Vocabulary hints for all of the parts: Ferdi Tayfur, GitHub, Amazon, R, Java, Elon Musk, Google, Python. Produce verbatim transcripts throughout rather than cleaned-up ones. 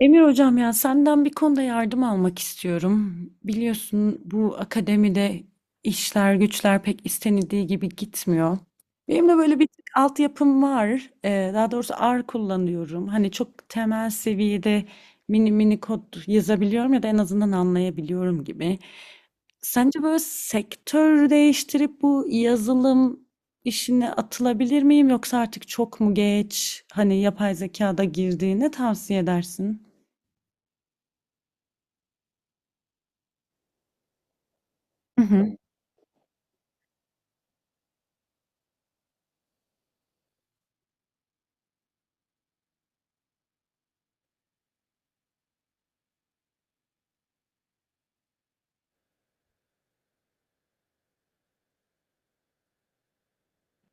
Emir hocam ya senden bir konuda yardım almak istiyorum. Biliyorsun bu akademide işler güçler pek istenildiği gibi gitmiyor. Benim de böyle bir tık altyapım var. Ee, daha doğrusu R kullanıyorum. Hani çok temel seviyede mini mini kod yazabiliyorum ya da en azından anlayabiliyorum gibi. Sence böyle sektör değiştirip bu yazılım işine atılabilir miyim yoksa artık çok mu geç? Hani yapay zekada girdiğini tavsiye edersin? Hı hı.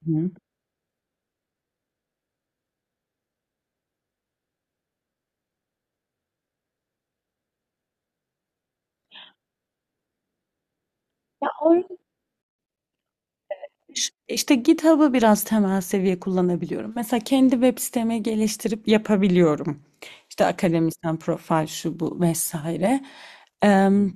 Hı. Ya o düş- işte GitHub'ı biraz temel seviye kullanabiliyorum. Mesela kendi web sitemi geliştirip yapabiliyorum. İşte akademisyen profil şu bu vesaire. Em,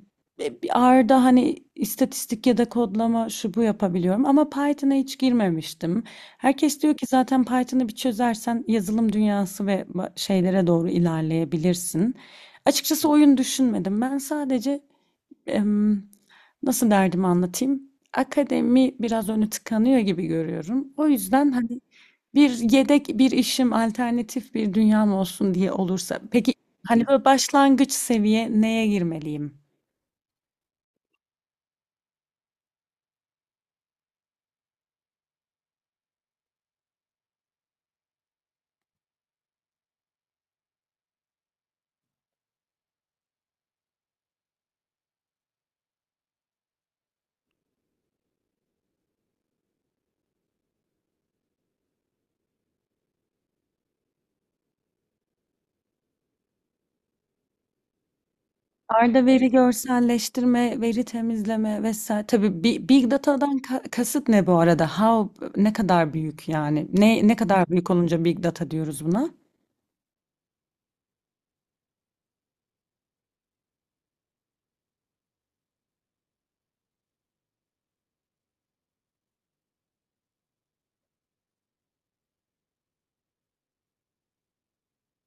e, Bir R'da hani istatistik ya da kodlama şu bu yapabiliyorum ama Python'a hiç girmemiştim. Herkes diyor ki zaten Python'ı bir çözersen yazılım dünyası ve ba- şeylere doğru ilerleyebilirsin. Açıkçası oyun düşünmedim. Ben sadece em, nasıl derdimi anlatayım? Akademi biraz önü tıkanıyor gibi görüyorum. O yüzden hani bir yedek bir işim, alternatif bir dünyam olsun diye olursa. Peki hani böyle başlangıç seviye neye girmeliyim? Arda veri görselleştirme, veri temizleme vesaire. Tabii bi- big data'dan ka- kasıt ne bu arada? How ne kadar büyük yani? Ne ne kadar büyük olunca big data diyoruz buna?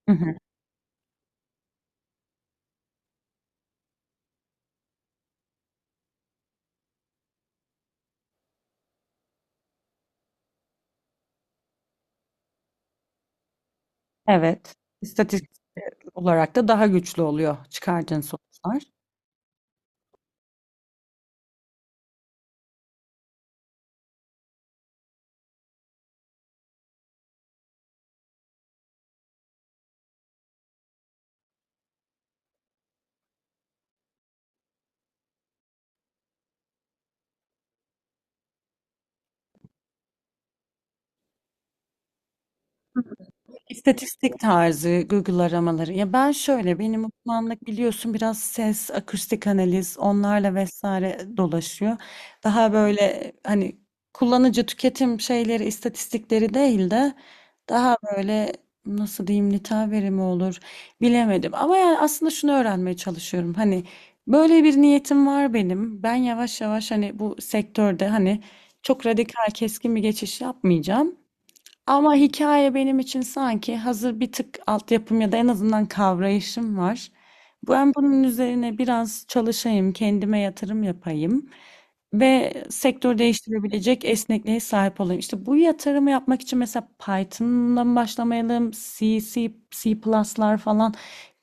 Hı hı. Evet. İstatistik olarak da daha güçlü oluyor çıkardığın sonuçlar. İstatistik tarzı Google aramaları. Ya ben şöyle benim uzmanlık biliyorsun biraz ses, akustik analiz onlarla vesaire dolaşıyor. Daha böyle hani kullanıcı tüketim şeyleri, istatistikleri değil de daha böyle nasıl diyeyim nitel verimi olur bilemedim. Ama yani aslında şunu öğrenmeye çalışıyorum. Hani böyle bir niyetim var benim. Ben yavaş yavaş hani bu sektörde hani çok radikal keskin bir geçiş yapmayacağım. Ama hikaye benim için sanki hazır bir tık altyapım ya da en azından kavrayışım var. Ben bunun üzerine biraz çalışayım, kendime yatırım yapayım ve sektör değiştirebilecek esnekliğe sahip olayım. İşte bu yatırımı yapmak için mesela Python'la mı başlamayalım, C, C, C++'lar falan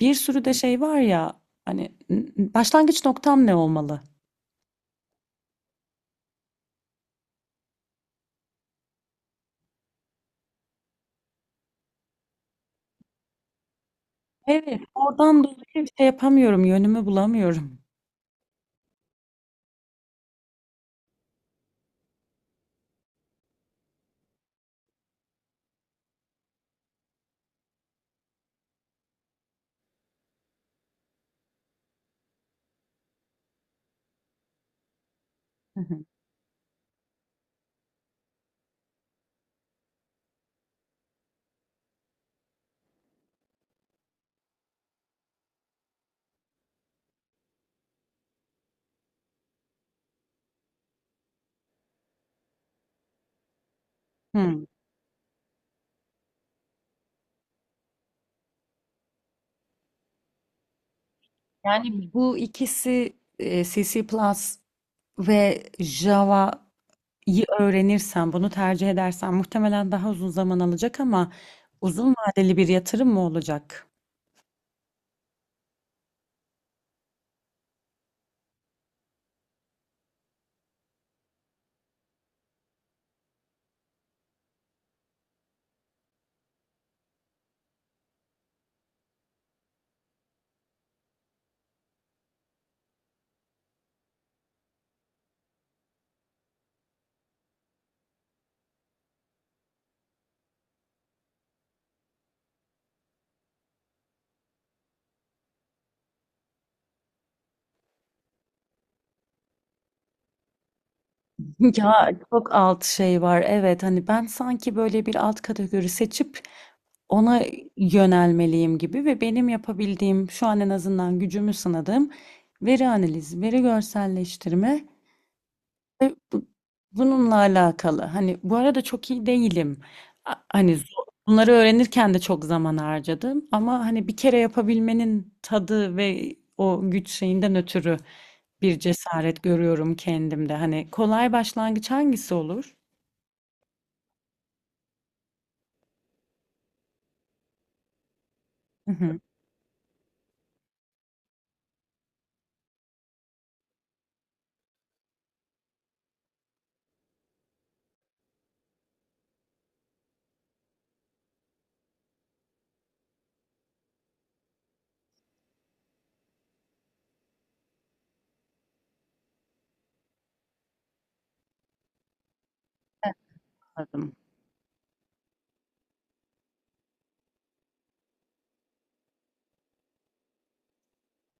bir sürü de şey var ya hani n- n- başlangıç noktam ne olmalı? Evet, oradan dolayı şey yapamıyorum, yönümü bulamıyorum. Hı hı. Hı. Bu ikisi e, C C ve Java'yı öğrenirsem, bunu tercih edersen muhtemelen daha uzun zaman alacak ama uzun vadeli bir yatırım mı olacak? Ya çok alt şey var. Evet hani ben sanki böyle bir alt kategori seçip ona yönelmeliyim gibi ve benim yapabildiğim şu an en azından gücümü sınadığım veri analizi, veri görselleştirme ve bu- bununla alakalı. Hani bu arada çok iyi değilim. A- Hani zo- bunları öğrenirken de çok zaman harcadım ama hani bir kere yapabilmenin tadı ve o güç şeyinden ötürü bir cesaret görüyorum kendimde. Hani kolay başlangıç hangisi olur? Hı hı, anladım.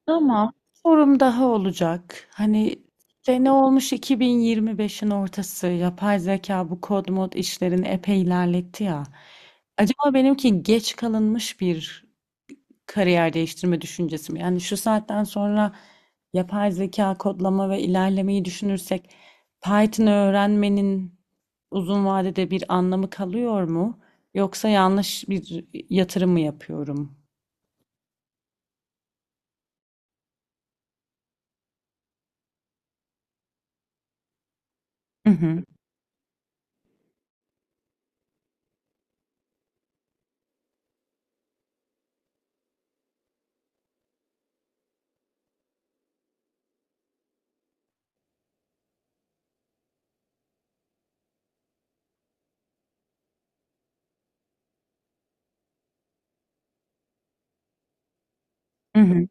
Ama sorum daha olacak. Hani sene olmuş iki bin yirmi beşin ortası. Yapay zeka bu kod mod işlerini epey ilerletti ya. Acaba benimki geç kalınmış bir kariyer değiştirme düşüncesi mi? Yani şu saatten sonra yapay zeka kodlama ve ilerlemeyi düşünürsek Python öğrenmenin uzun vadede bir anlamı kalıyor mu? Yoksa yanlış bir yatırım mı yapıyorum? Hı hı. Hı hı.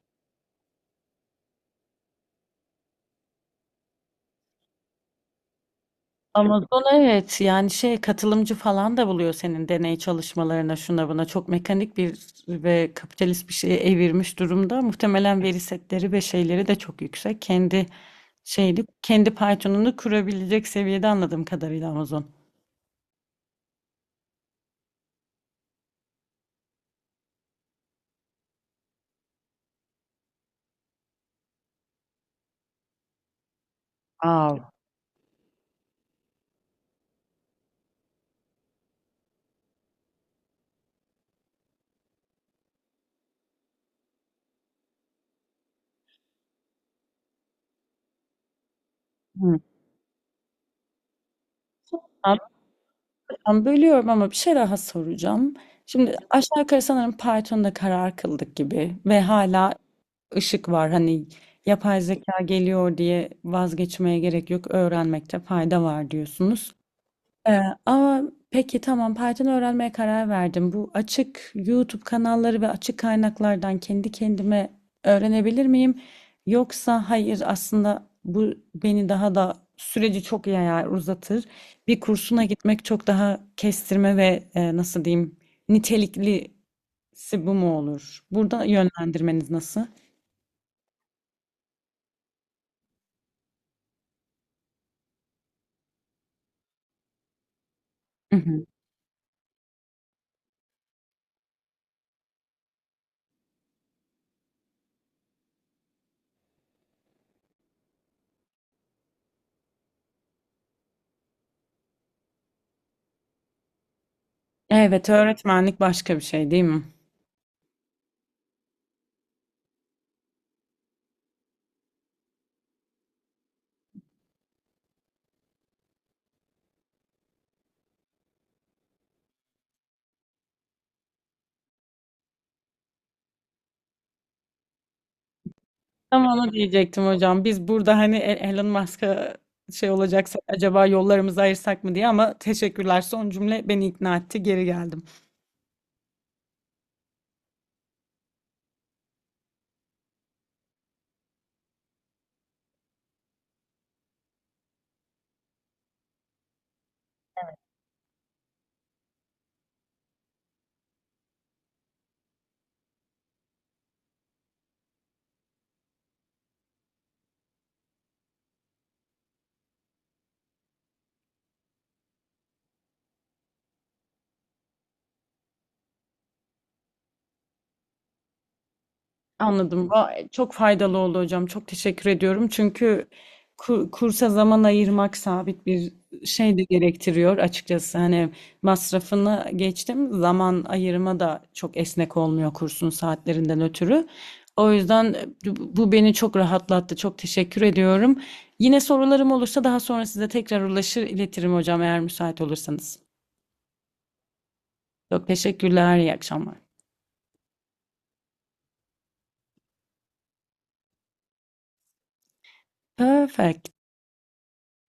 Amazon, evet yani şey katılımcı falan da buluyor senin deney çalışmalarına şuna buna çok mekanik bir ve kapitalist bir şeye evirmiş durumda. Muhtemelen veri setleri ve şeyleri de çok yüksek. Kendi şeyli kendi Python'unu kurabilecek seviyede anladığım kadarıyla Amazon. Aa, hı. Abi, ben bölüyorum ama bir şey daha soracağım. Şimdi aşağı yukarı sanırım Python'da karar kıldık gibi ve hala ışık var. Hani yapay zeka geliyor diye vazgeçmeye gerek yok. Öğrenmekte fayda var diyorsunuz. Ee, ama peki tamam Python öğrenmeye karar verdim. Bu açık YouTube kanalları ve açık kaynaklardan kendi kendime öğrenebilir miyim? Yoksa hayır aslında bu beni daha da süreci çok yayar uzatır. Bir kursuna gitmek çok daha kestirme ve e, nasıl diyeyim niteliklisi bu mu olur? Burada yönlendirmeniz nasıl? Evet, öğretmenlik başka bir şey değil mi? Tam onu diyecektim hocam. Biz burada hani E- Elon Musk'a şey olacaksa acaba yollarımızı ayırsak mı diye ama teşekkürler. Son cümle beni ikna etti. Geri geldim. Anladım. Va- e, Çok faydalı oldu hocam. Çok teşekkür ediyorum. Çünkü ku- kursa zaman ayırmak sabit bir şey de gerektiriyor açıkçası. Hani masrafını geçtim. Zaman ayırma da çok esnek olmuyor kursun saatlerinden ötürü. O yüzden e, bu bu beni çok rahatlattı. Çok teşekkür ediyorum. Yine sorularım olursa daha sonra size tekrar ulaşır iletirim hocam eğer müsait olursanız. Çok teşekkürler. İyi akşamlar. Perfect.